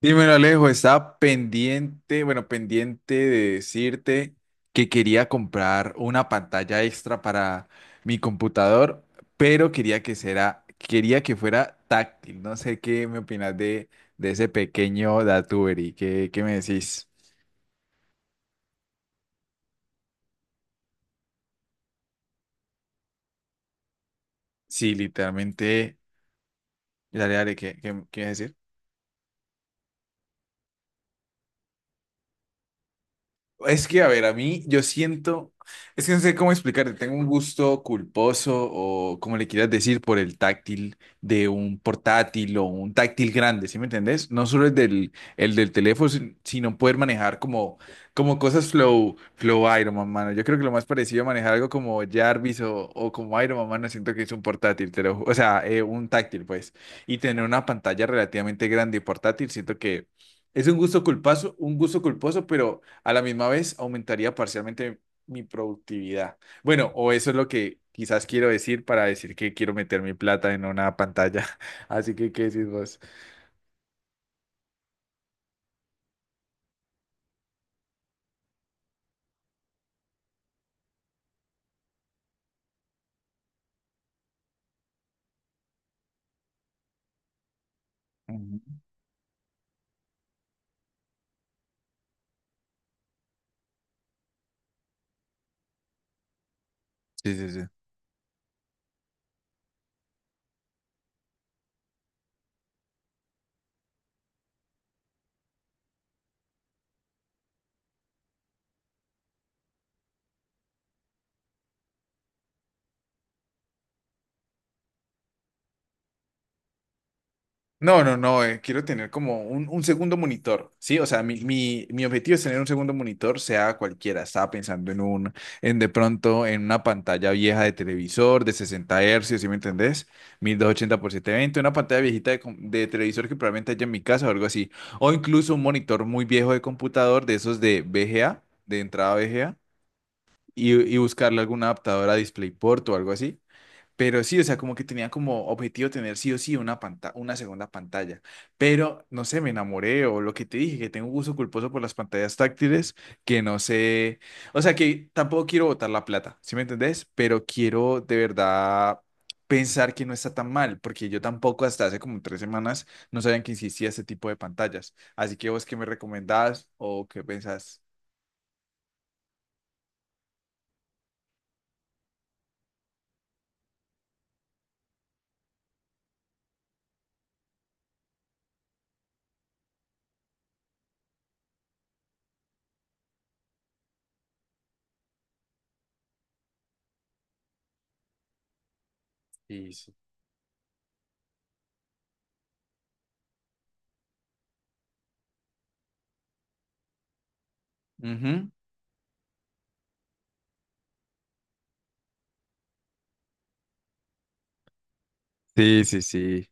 Dímelo, Alejo, estaba pendiente, bueno, pendiente de decirte que quería comprar una pantalla extra para mi computador, pero quería que fuera táctil. No sé qué me opinas de ese pequeño datuber y qué me decís. Sí, literalmente, dale, dale, ¿qué me decir? Es que, a ver, a mí yo siento, es que no sé cómo explicarte, tengo un gusto culposo o como le quieras decir por el táctil de un portátil o un táctil grande, ¿sí me entendés? No solo el del teléfono, sino poder manejar como cosas flow Iron Man, mano. Yo creo que lo más parecido a manejar algo como Jarvis o como Iron Man, mano, siento que es un portátil, o sea, un táctil, pues. Y tener una pantalla relativamente grande y portátil, siento que es un gusto culposo, pero a la misma vez, aumentaría parcialmente mi productividad. Bueno, o eso es lo que quizás quiero decir para decir que quiero meter mi plata en una pantalla. Así que, ¿qué decís vos? Ujú. Sí, sí, sí. No, no, no, quiero tener como un segundo monitor, ¿sí? O sea, mi objetivo es tener un segundo monitor, sea cualquiera. Estaba pensando en de pronto, en una pantalla vieja de televisor de 60 hercios, ¿sí me entendés? 1280 por 720, una pantalla viejita de televisor que probablemente haya en mi casa o algo así. O incluso un monitor muy viejo de computador, de esos de VGA, de entrada VGA, y buscarle algún adaptador a DisplayPort o algo así. Pero sí, o sea, como que tenía como objetivo tener sí o sí una segunda pantalla. Pero no sé, me enamoré o lo que te dije, que tengo un gusto culposo por las pantallas táctiles, que no sé, o sea, que tampoco quiero botar la plata, ¿sí me entendés? Pero quiero de verdad pensar que no está tan mal, porque yo tampoco hasta hace como 3 semanas no sabían que existía ese tipo de pantallas. ¿Así que vos qué me recomendás o qué pensás? Sí, sí. Ujú. Sí, sí, sí.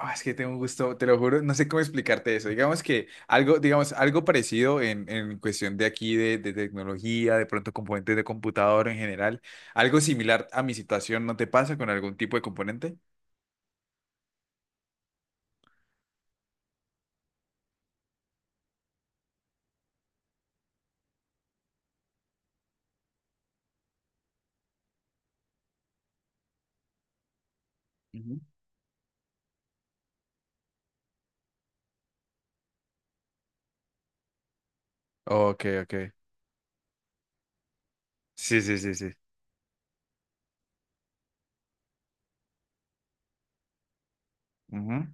Ah, es que tengo un gusto, te lo juro, no sé cómo explicarte eso. Digamos que algo, digamos, algo parecido en cuestión de aquí de tecnología, de pronto componentes de computador en general, algo similar a mi situación, ¿no te pasa con algún tipo de componente? Ujú. Ok, ok. Sí, sí, sí, sí. Ujú.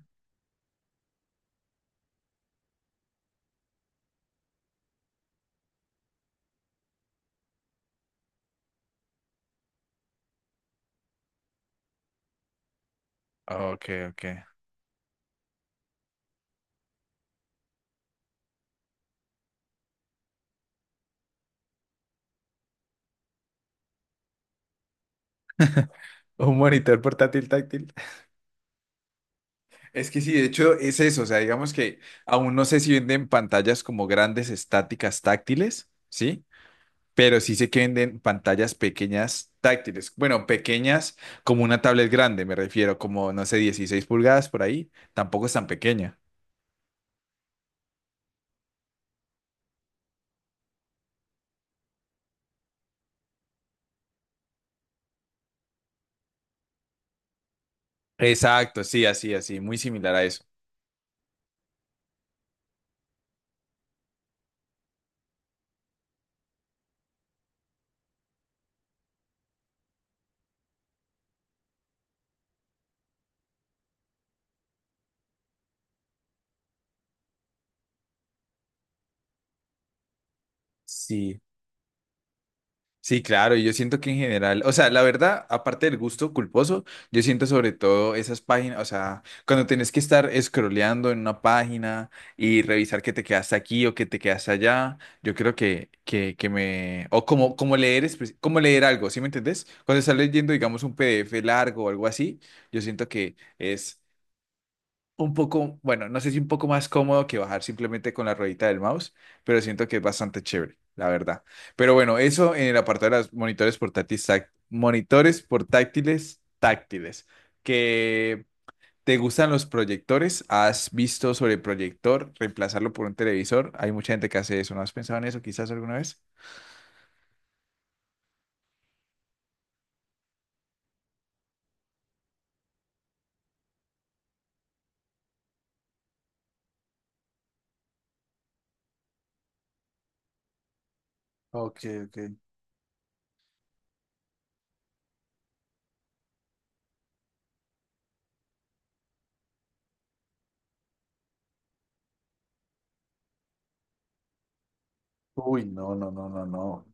Ok, ok. Un monitor portátil táctil. Es que sí, de hecho es eso, o sea, digamos que aún no sé si venden pantallas como grandes estáticas táctiles, ¿sí? Pero sí sé que venden pantallas pequeñas táctiles. Bueno, pequeñas como una tablet grande, me refiero, como, no sé, 16 pulgadas por ahí. Tampoco es tan pequeña. Exacto, sí, así, así, muy similar a eso. Sí. Sí, claro, y yo siento que en general, o sea, la verdad, aparte del gusto culposo, yo siento sobre todo esas páginas, o sea, cuando tenés que estar scrolleando en una página y revisar que te quedaste aquí o que te quedaste allá, yo creo que me, o como leer, como leer algo, ¿sí me entendés? Cuando estás leyendo, digamos, un PDF largo o algo así, yo siento que es un poco, bueno, no sé si un poco más cómodo que bajar simplemente con la ruedita del mouse, pero siento que es bastante chévere, la verdad. Pero bueno, eso en el apartado de los monitores portátiles, monitores portátiles táctiles, que te gustan los proyectores, has visto sobre el proyector, reemplazarlo por un televisor, hay mucha gente que hace eso, ¿no has pensado en eso quizás alguna vez? Ok, ok. Uy, no, no, no, no, no.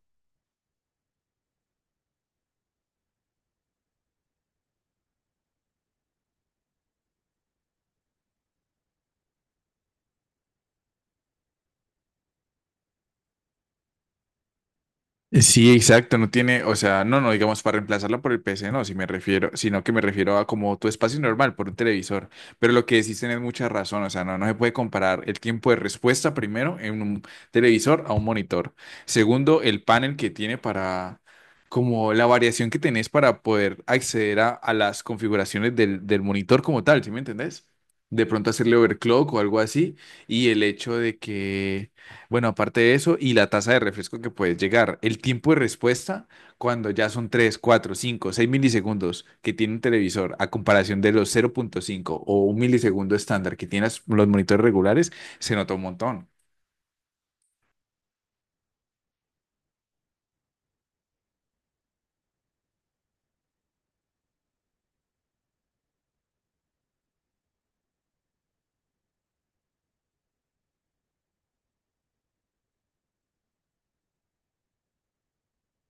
Sí, exacto, no tiene, o sea, no digamos para reemplazarla por el PC, no, si me refiero, sino que me refiero a como tu espacio normal por un televisor. Pero lo que decís tenés mucha razón, o sea, no se puede comparar el tiempo de respuesta primero en un televisor a un monitor. Segundo, el panel que tiene para, como la variación que tenés para poder acceder a las configuraciones del monitor como tal, ¿sí me entendés? De pronto hacerle overclock o algo así, y el hecho de que bueno, aparte de eso, y la tasa de refresco que puedes llegar, el tiempo de respuesta cuando ya son 3, 4, 5, 6 milisegundos que tiene un televisor a comparación de los 0.5 o un milisegundo estándar que tienen los monitores regulares, se nota un montón.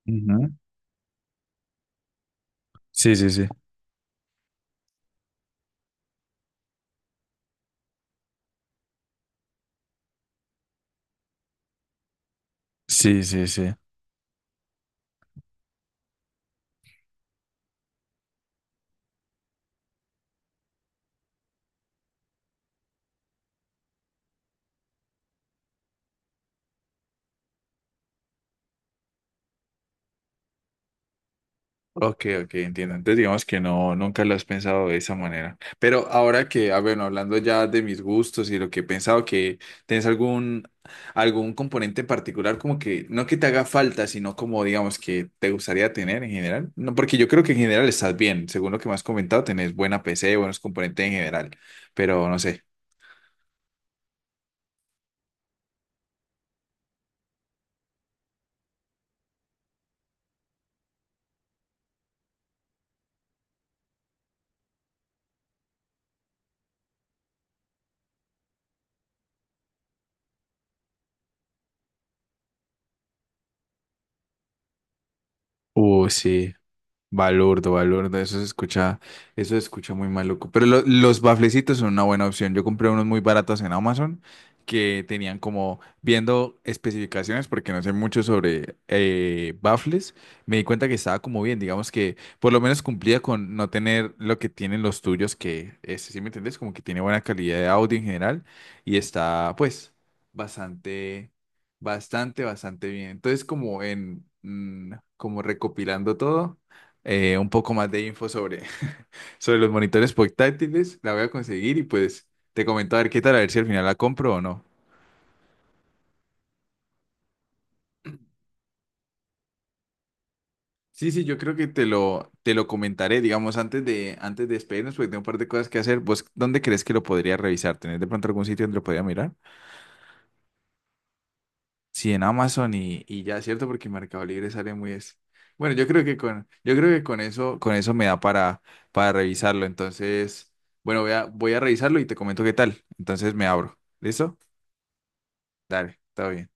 Ujú. Sí, sí, sí. Sí, sí, sí. Ok, ok, entiendo. Entonces digamos que no, nunca lo has pensado de esa manera. Pero ahora que, ah, bueno, hablando ya de mis gustos y lo que he pensado, que tienes algún, componente en particular como que, no que te haga falta, sino como digamos que te gustaría tener en general. No, porque yo creo que en general estás bien. Según lo que me has comentado, tenés buena PC, buenos componentes en general. Pero no sé. Sí. Balurdo, balurdo, eso se escucha muy maluco. Pero los baflecitos son una buena opción. Yo compré unos muy baratos en Amazon que tenían como viendo especificaciones, porque no sé mucho sobre bafles, me di cuenta que estaba como bien, digamos que por lo menos cumplía con no tener lo que tienen los tuyos, que es, sí me entiendes, como que tiene buena calidad de audio en general y está pues bastante... Bastante, bastante bien. Entonces, como recopilando todo, un poco más de info sobre los monitores portátiles. La voy a conseguir y pues te comento a ver qué tal, a ver si al final la compro o no. Sí, sí, yo creo que te lo comentaré, digamos, antes de despedirnos, porque tengo un par de cosas que hacer. ¿Vos dónde crees que lo podría revisar? ¿Tenés de pronto algún sitio donde lo podría mirar? Sí, en Amazon y ya, ¿cierto? Porque Mercado Libre sale muy. Bueno, yo creo que con eso me da para revisarlo. Entonces, bueno, voy a revisarlo y te comento qué tal. Entonces me abro. ¿Listo? Dale, todo bien.